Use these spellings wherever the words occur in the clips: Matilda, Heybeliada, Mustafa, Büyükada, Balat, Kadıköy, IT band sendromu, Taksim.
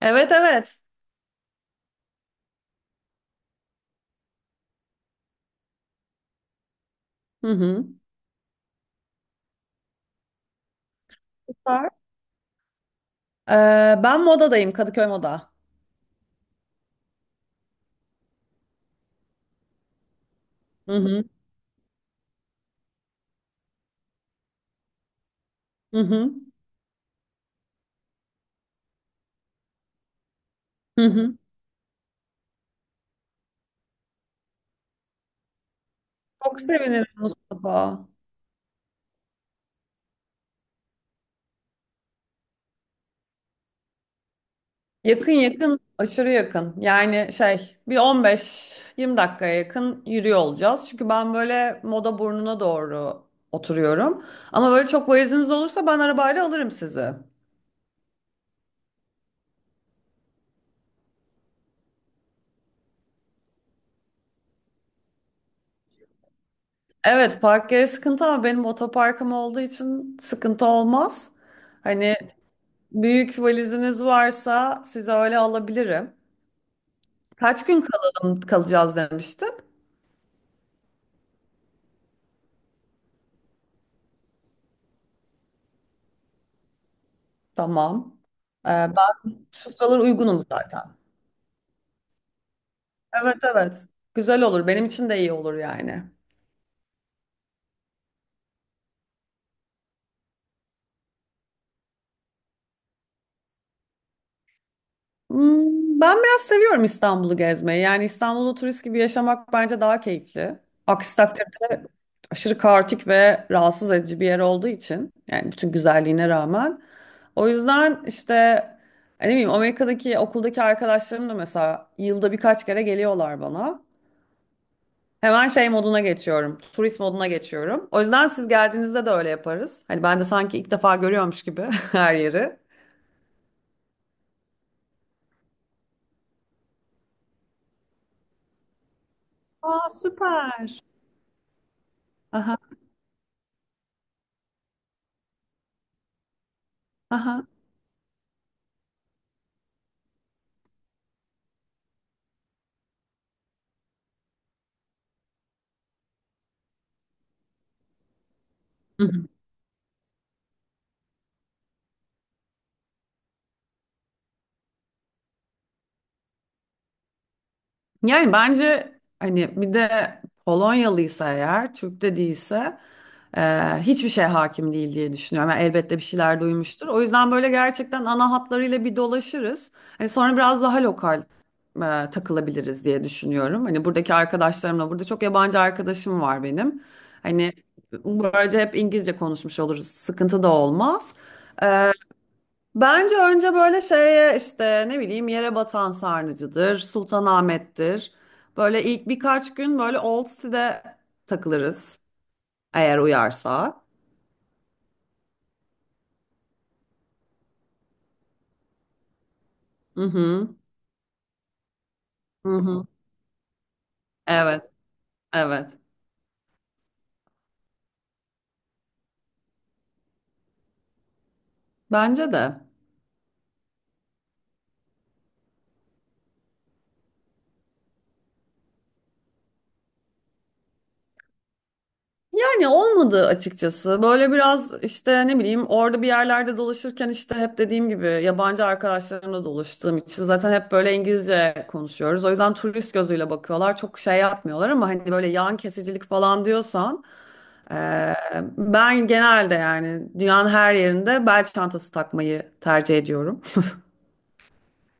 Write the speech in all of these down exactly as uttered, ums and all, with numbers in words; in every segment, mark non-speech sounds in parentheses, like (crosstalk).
Evet, evet. Hı hı. Süper. Ee, ben modadayım, Kadıköy Moda. Hı hı. Hı hı. Hı hı. Çok sevinirim, Mustafa. Yakın, yakın, aşırı yakın. Yani şey, bir on beş yirmi dakikaya yakın yürüyor olacağız, çünkü ben böyle moda burnuna doğru oturuyorum. Ama böyle çok valiziniz olursa ben arabayla alırım sizi. Evet, park yeri sıkıntı ama benim otoparkım olduğu için sıkıntı olmaz. Hani büyük valiziniz varsa size öyle alabilirim. Kaç gün kalalım, kalacağız demiştin? Tamam. Ee, ben şu sıralar uygunum zaten. Evet, evet. Güzel olur. Benim için de iyi olur yani. Hmm, ben biraz seviyorum İstanbul'u gezmeyi. Yani İstanbul'u turist gibi yaşamak bence daha keyifli. Aksi takdirde aşırı kaotik ve rahatsız edici bir yer olduğu için, yani bütün güzelliğine rağmen. O yüzden işte hani ne bileyim, Amerika'daki okuldaki arkadaşlarım da mesela yılda birkaç kere geliyorlar bana. Hemen şey moduna geçiyorum, turist moduna geçiyorum. O yüzden siz geldiğinizde de öyle yaparız. Hani ben de sanki ilk defa görüyormuş gibi (laughs) her yeri. Aa, süper. Aha, aha. Yani bence hani bir de Polonyalıysa eğer, Türk de değilse eee, hiçbir şey hakim değil diye düşünüyorum. Yani elbette bir şeyler duymuştur. O yüzden böyle gerçekten ana hatlarıyla bir dolaşırız. Hani sonra biraz daha lokal eee, takılabiliriz diye düşünüyorum. Hani buradaki arkadaşlarımla, burada çok yabancı arkadaşım var benim. Hani böylece hep İngilizce konuşmuş oluruz, sıkıntı da olmaz. Bence önce böyle şeye işte ne bileyim, yere batan sarnıcı'dır, Sultanahmet'tir. Böyle ilk birkaç gün böyle Old City'de takılırız eğer uyarsa. Hı hı. Hı hı. Evet, evet. Bence de. Yani olmadı açıkçası. Böyle biraz işte ne bileyim, orada bir yerlerde dolaşırken işte hep dediğim gibi yabancı arkadaşlarımla dolaştığım için zaten hep böyle İngilizce konuşuyoruz. O yüzden turist gözüyle bakıyorlar, çok şey yapmıyorlar. Ama hani böyle yan kesicilik falan diyorsan, Ee, ben genelde yani dünyanın her yerinde bel çantası takmayı tercih ediyorum.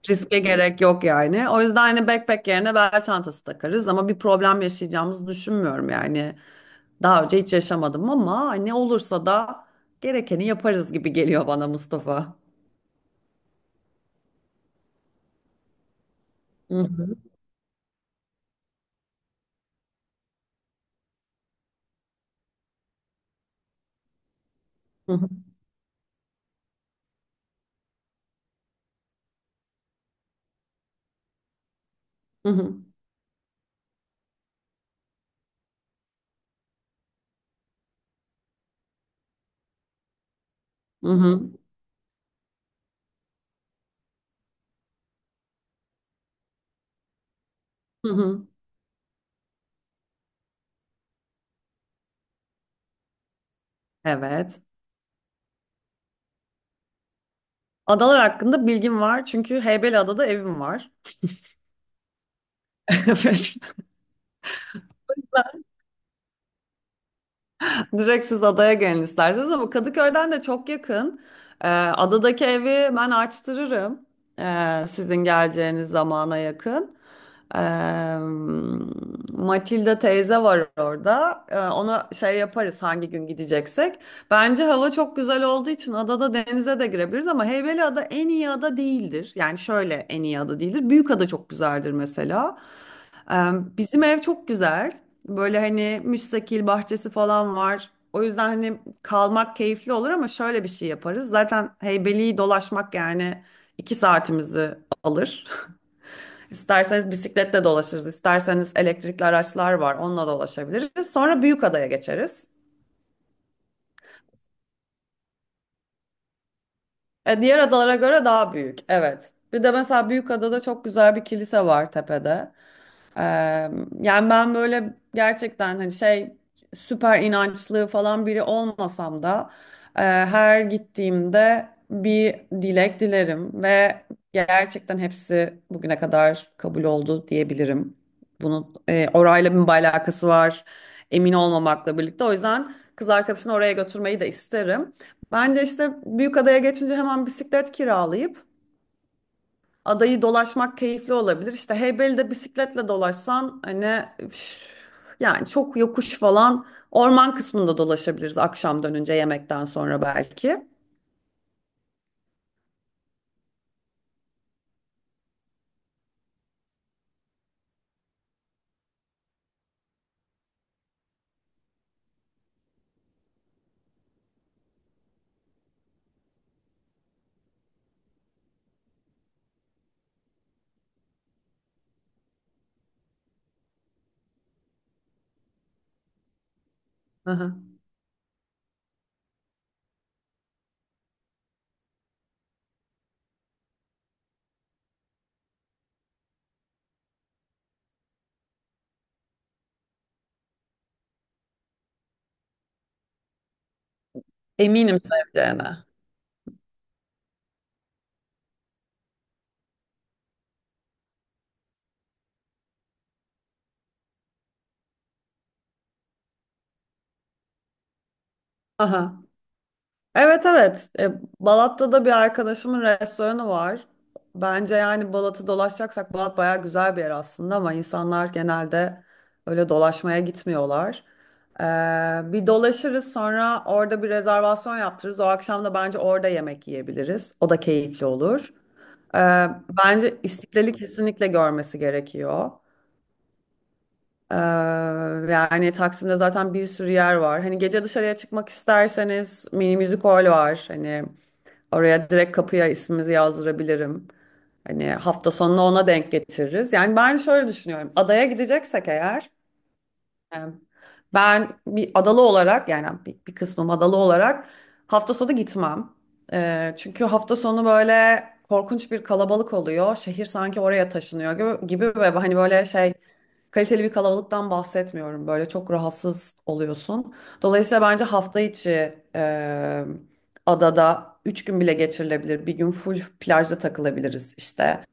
Riske gerek yok yani. O yüzden hani backpack yerine bel çantası takarız, ama bir problem yaşayacağımızı düşünmüyorum yani. Daha önce hiç yaşamadım, ama hani olursa da gerekeni yaparız gibi geliyor bana, Mustafa. Hı hı, hı hı, hı hı, hı hı, hı hı. Evet. Adalar hakkında bilgim var, çünkü Heybeliada'da evim var. (laughs) Evet. (laughs) Direkt siz adaya gelin isterseniz, ama Kadıköy'den de çok yakın. Ee, adadaki evi ben açtırırım. Ee, sizin geleceğiniz zamana yakın. Eee Matilda teyze var orada. Eee, ona şey yaparız hangi gün gideceksek. Bence hava çok güzel olduğu için adada denize de girebiliriz, ama Heybeliada en iyi ada değildir. Yani şöyle, en iyi ada değildir. Büyükada çok güzeldir mesela. Eee, bizim ev çok güzel. Böyle hani müstakil bahçesi falan var. O yüzden hani kalmak keyifli olur, ama şöyle bir şey yaparız. Zaten Heybeli'yi dolaşmak yani iki saatimizi alır. İsterseniz bisikletle dolaşırız, isterseniz elektrikli araçlar var, onunla dolaşabiliriz. Sonra büyük adaya geçeriz. E, diğer adalara göre daha büyük, evet. Bir de mesela büyük adada çok güzel bir kilise var tepede. Ee, yani ben böyle gerçekten hani şey, süper inançlı falan biri olmasam da e, her gittiğimde bir dilek dilerim ve gerçekten hepsi bugüne kadar kabul oldu diyebilirim. Bunun e, orayla bir alakası var, emin olmamakla birlikte. O yüzden kız arkadaşını oraya götürmeyi de isterim. Bence işte Büyükada'ya geçince hemen bisiklet kiralayıp adayı dolaşmak keyifli olabilir. İşte Heybeli'de bisikletle dolaşsan hani üf, yani çok yokuş. Falan orman kısmında dolaşabiliriz akşam dönünce, yemekten sonra belki. Hı hı. Eminim seveceğine. Aha. Evet, evet. E, Balat'ta da bir arkadaşımın restoranı var. Bence yani Balat'ı dolaşacaksak, Balat bayağı güzel bir yer aslında, ama insanlar genelde öyle dolaşmaya gitmiyorlar. E, bir dolaşırız, sonra orada bir rezervasyon yaptırırız. O akşam da bence orada yemek yiyebiliriz, o da keyifli olur. E, bence İstiklal'i kesinlikle görmesi gerekiyor. E, yani Taksim'de zaten bir sürü yer var. Hani gece dışarıya çıkmak isterseniz, mini müzik hol var. Hani oraya direkt kapıya ismimizi yazdırabilirim. Hani hafta sonunu ona denk getiririz. Yani ben şöyle düşünüyorum: adaya gideceksek eğer, e, ben bir adalı olarak, yani bir, bir kısmım adalı olarak, hafta sonu gitmem. E, çünkü hafta sonu böyle korkunç bir kalabalık oluyor. Şehir sanki oraya taşınıyor gibi, gibi. Ve hani böyle şey, kaliteli bir kalabalıktan bahsetmiyorum. Böyle çok rahatsız oluyorsun. Dolayısıyla bence hafta içi e, adada üç gün bile geçirilebilir. Bir gün full plajda takılabiliriz işte.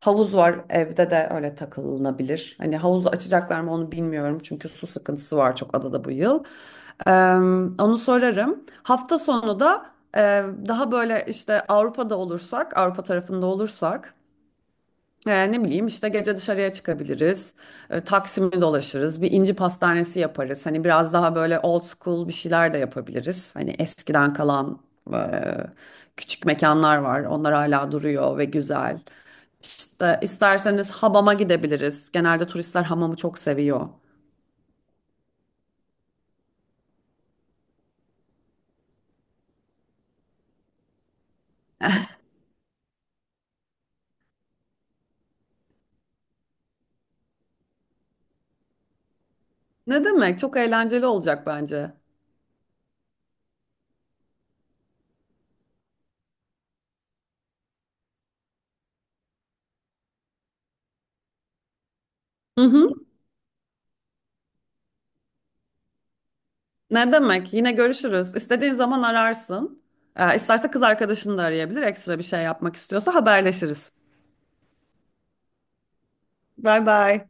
Havuz var evde, de öyle takılınabilir. Hani havuzu açacaklar mı onu bilmiyorum, çünkü su sıkıntısı var çok adada bu yıl. E, onu sorarım. Hafta sonu da e, daha böyle işte Avrupa'da olursak, Avrupa tarafında olursak, e, ne bileyim işte, gece dışarıya çıkabiliriz. E, Taksim'i dolaşırız, bir inci pastanesi yaparız. Hani biraz daha böyle old school bir şeyler de yapabiliriz. Hani eskiden kalan e, küçük mekanlar var, onlar hala duruyor ve güzel. İşte isterseniz hamama gidebiliriz, genelde turistler hamamı çok seviyor. Ne demek? Çok eğlenceli olacak bence. Hı hı. Ne demek? Yine görüşürüz, İstediğin zaman ararsın. E, isterse kız arkadaşını da arayabilir, ekstra bir şey yapmak istiyorsa haberleşiriz. Bye bye.